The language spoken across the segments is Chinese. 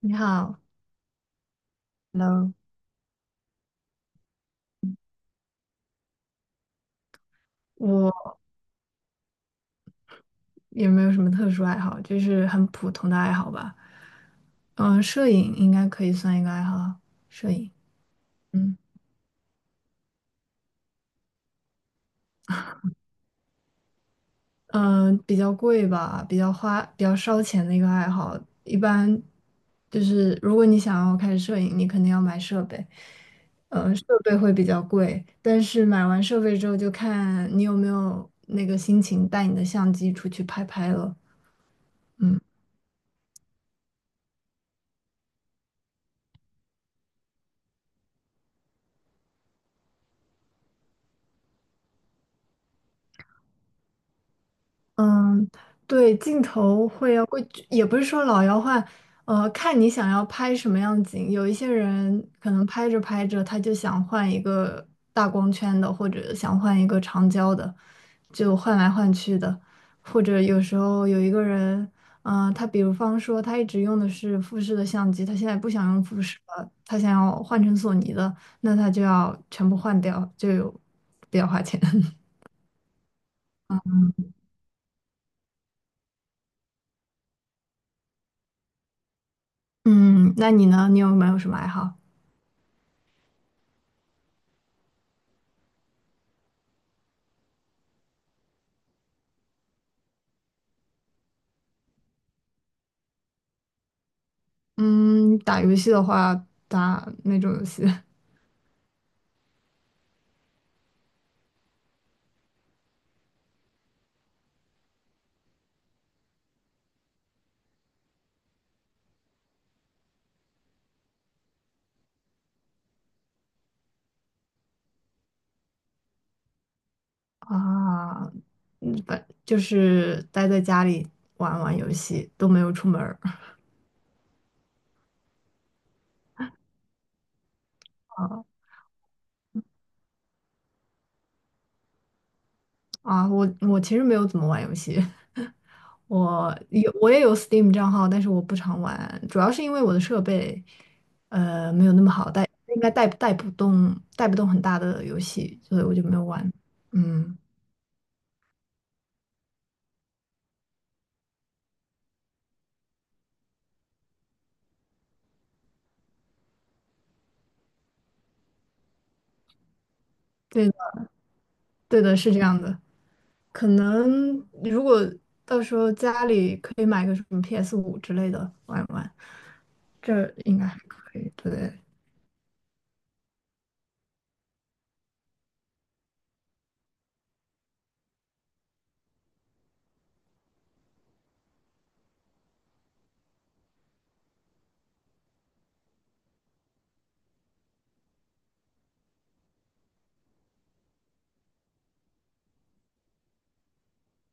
你好，Hello，我也没有什么特殊爱好，就是很普通的爱好吧。嗯，摄影应该可以算一个爱好啊。摄影。嗯，嗯，比较贵吧，比较花，比较烧钱的一个爱好。一般就是如果你想要开始摄影，你肯定要买设备，设备会比较贵。但是买完设备之后，就看你有没有那个心情带你的相机出去拍拍了。嗯。嗯，对，镜头会要会，也不是说老要换，看你想要拍什么样的景。有一些人可能拍着拍着，他就想换一个大光圈的，或者想换一个长焦的，就换来换去的。或者有时候有一个人，他比如方说他一直用的是富士的相机，他现在不想用富士了，他想要换成索尼的，那他就要全部换掉，就有比较花钱。嗯，那你呢？你有没有什么爱好？嗯，打游戏的话，打那种游戏 啊，反就是待在家里玩玩游戏，都没有出门儿 啊啊！我其实没有怎么玩游戏，我也有 Steam 账号，但是我不常玩，主要是因为我的设备没有那么好带，应该带不动很大的游戏，所以我就没有玩。嗯，对的对的，是这样的。可能如果到时候家里可以买个什么 PS5之类的玩玩，这应该还可以。对，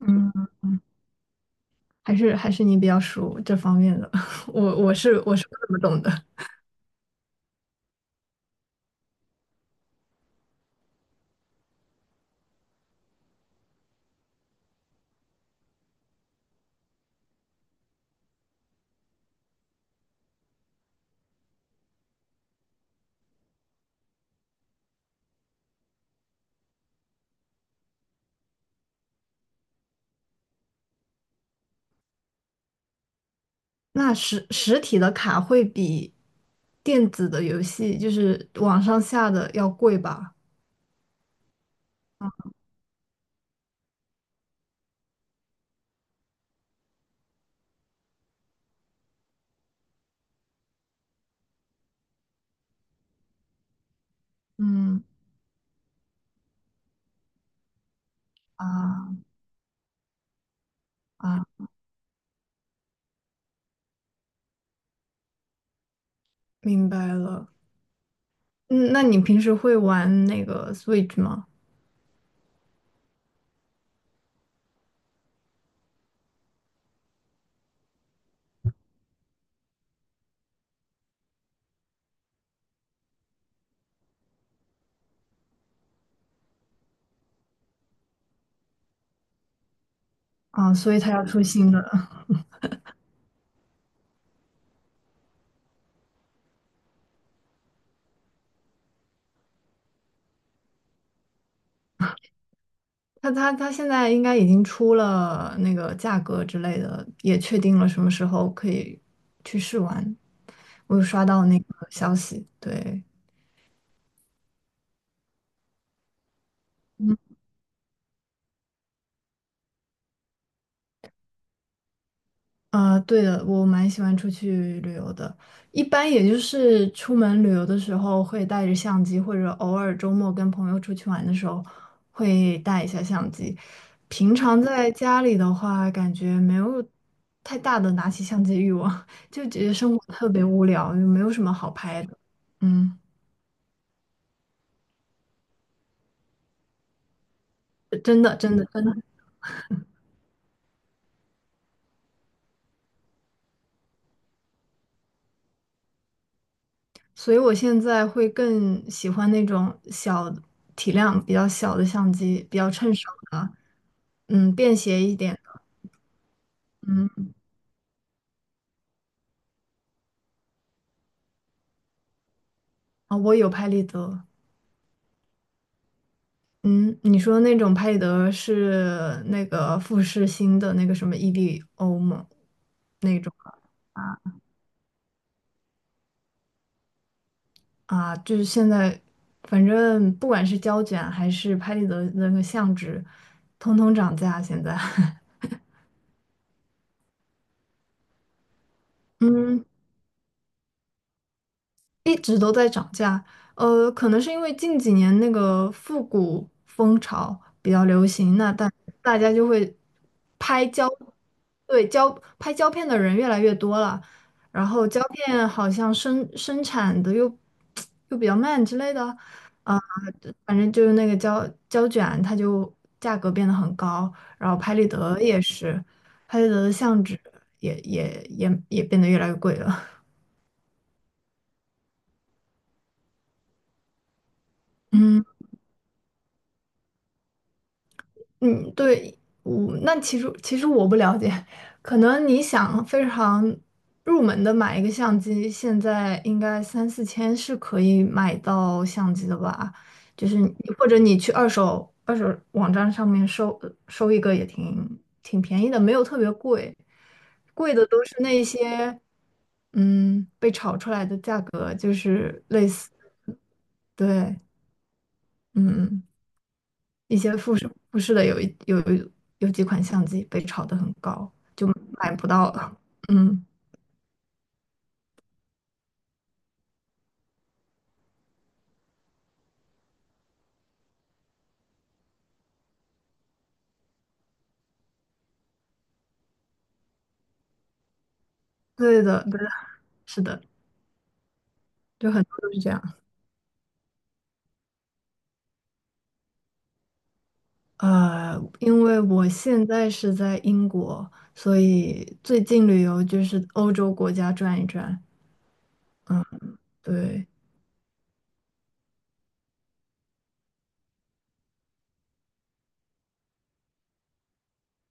嗯，还是你比较熟这方面的，我是不怎么懂的。那实体的卡会比电子的游戏，就是网上下的要贵吧？嗯啊啊，明白了。嗯，那你平时会玩那个 Switch 吗？啊，所以它要出新的。他现在应该已经出了那个价格之类的，也确定了什么时候可以去试玩。我有刷到那个消息，对，嗯。啊，对的，我蛮喜欢出去旅游的。一般也就是出门旅游的时候会带着相机，或者偶尔周末跟朋友出去玩的时候会带一下相机。平常在家里的话，感觉没有太大的拿起相机欲望，就觉得生活特别无聊，就没有什么好拍的。嗯，真的，真的，真的。所以我现在会更喜欢那种体量比较小的相机，比较趁手的，嗯，便携一点的。嗯，我有拍立得。嗯，你说那种拍立得是那个富士新的那个什么 EVO 吗？那种啊啊，就是现在，反正不管是胶卷还是拍立得的那个相纸，通通涨价现在。嗯，一直都在涨价。呃，可能是因为近几年那个复古风潮比较流行，那大家就会拍胶，对，胶，拍胶片的人越来越多了，然后胶片好像生产的又 又比较慢之类的，啊、反正就是那个胶卷，它就价格变得很高，然后拍立得也是，拍立得的相纸也变得越来越贵了，嗯。嗯，对，那其实我不了解，可能你想非常入门的买一个相机，现在应该三四千是可以买到相机的吧？就是你或者你去二手网站上面收收一个也挺便宜的，没有特别贵，贵的都是那些被炒出来的价格，就是类似，对，嗯。一些富士的有几款相机被炒得很高，就买不到了。嗯，对的，对的，是的，就很多都是这样。因为我现在是在英国，所以最近旅游就是欧洲国家转一转。对，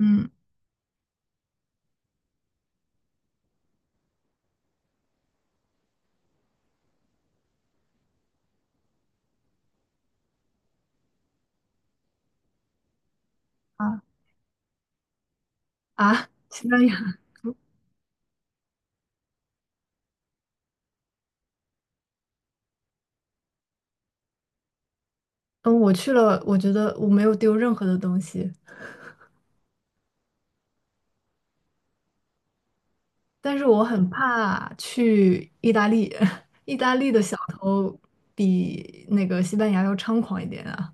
嗯啊西班牙，嗯，我去了，我觉得我没有丢任何的东西，但是我很怕去意大利，意大利的小偷比那个西班牙要猖狂一点啊。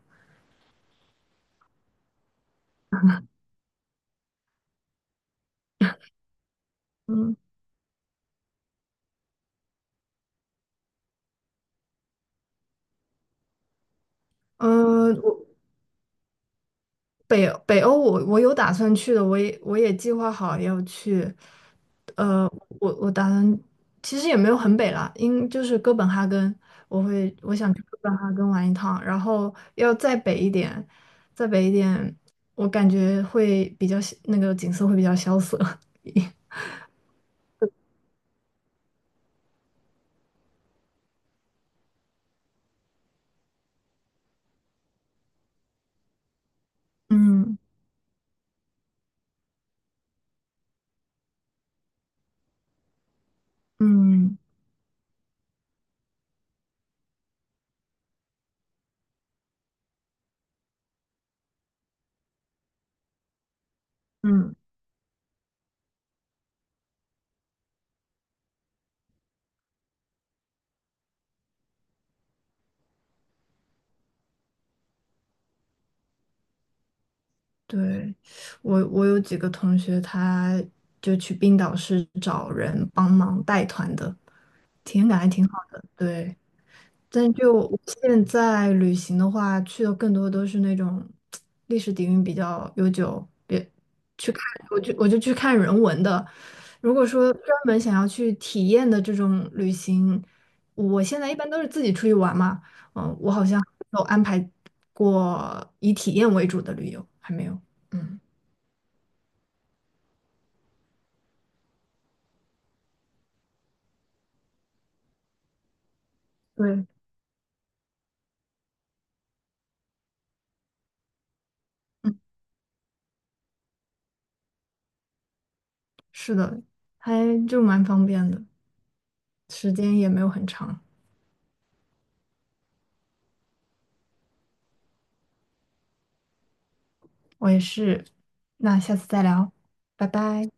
嗯嗯，北欧我有打算去的，我也计划好要去。呃，我打算其实也没有很北啦，就是哥本哈根，我想去哥本哈根玩一趟，然后要再北一点，再北一点，我感觉会比较那个景色会比较萧瑟。嗯嗯。嗯，对，我有几个同学，他就去冰岛是找人帮忙带团的，体验感还挺好的。对。但就现在旅行的话，去的更多都是那种历史底蕴比较悠久，别去看，我就去看人文的。如果说专门想要去体验的这种旅行，我现在一般都是自己出去玩嘛，嗯，我好像没有安排过以体验为主的旅游，还没有。嗯，对，嗯，是的，还就蛮方便的，时间也没有很长。我也是，那下次再聊，拜拜。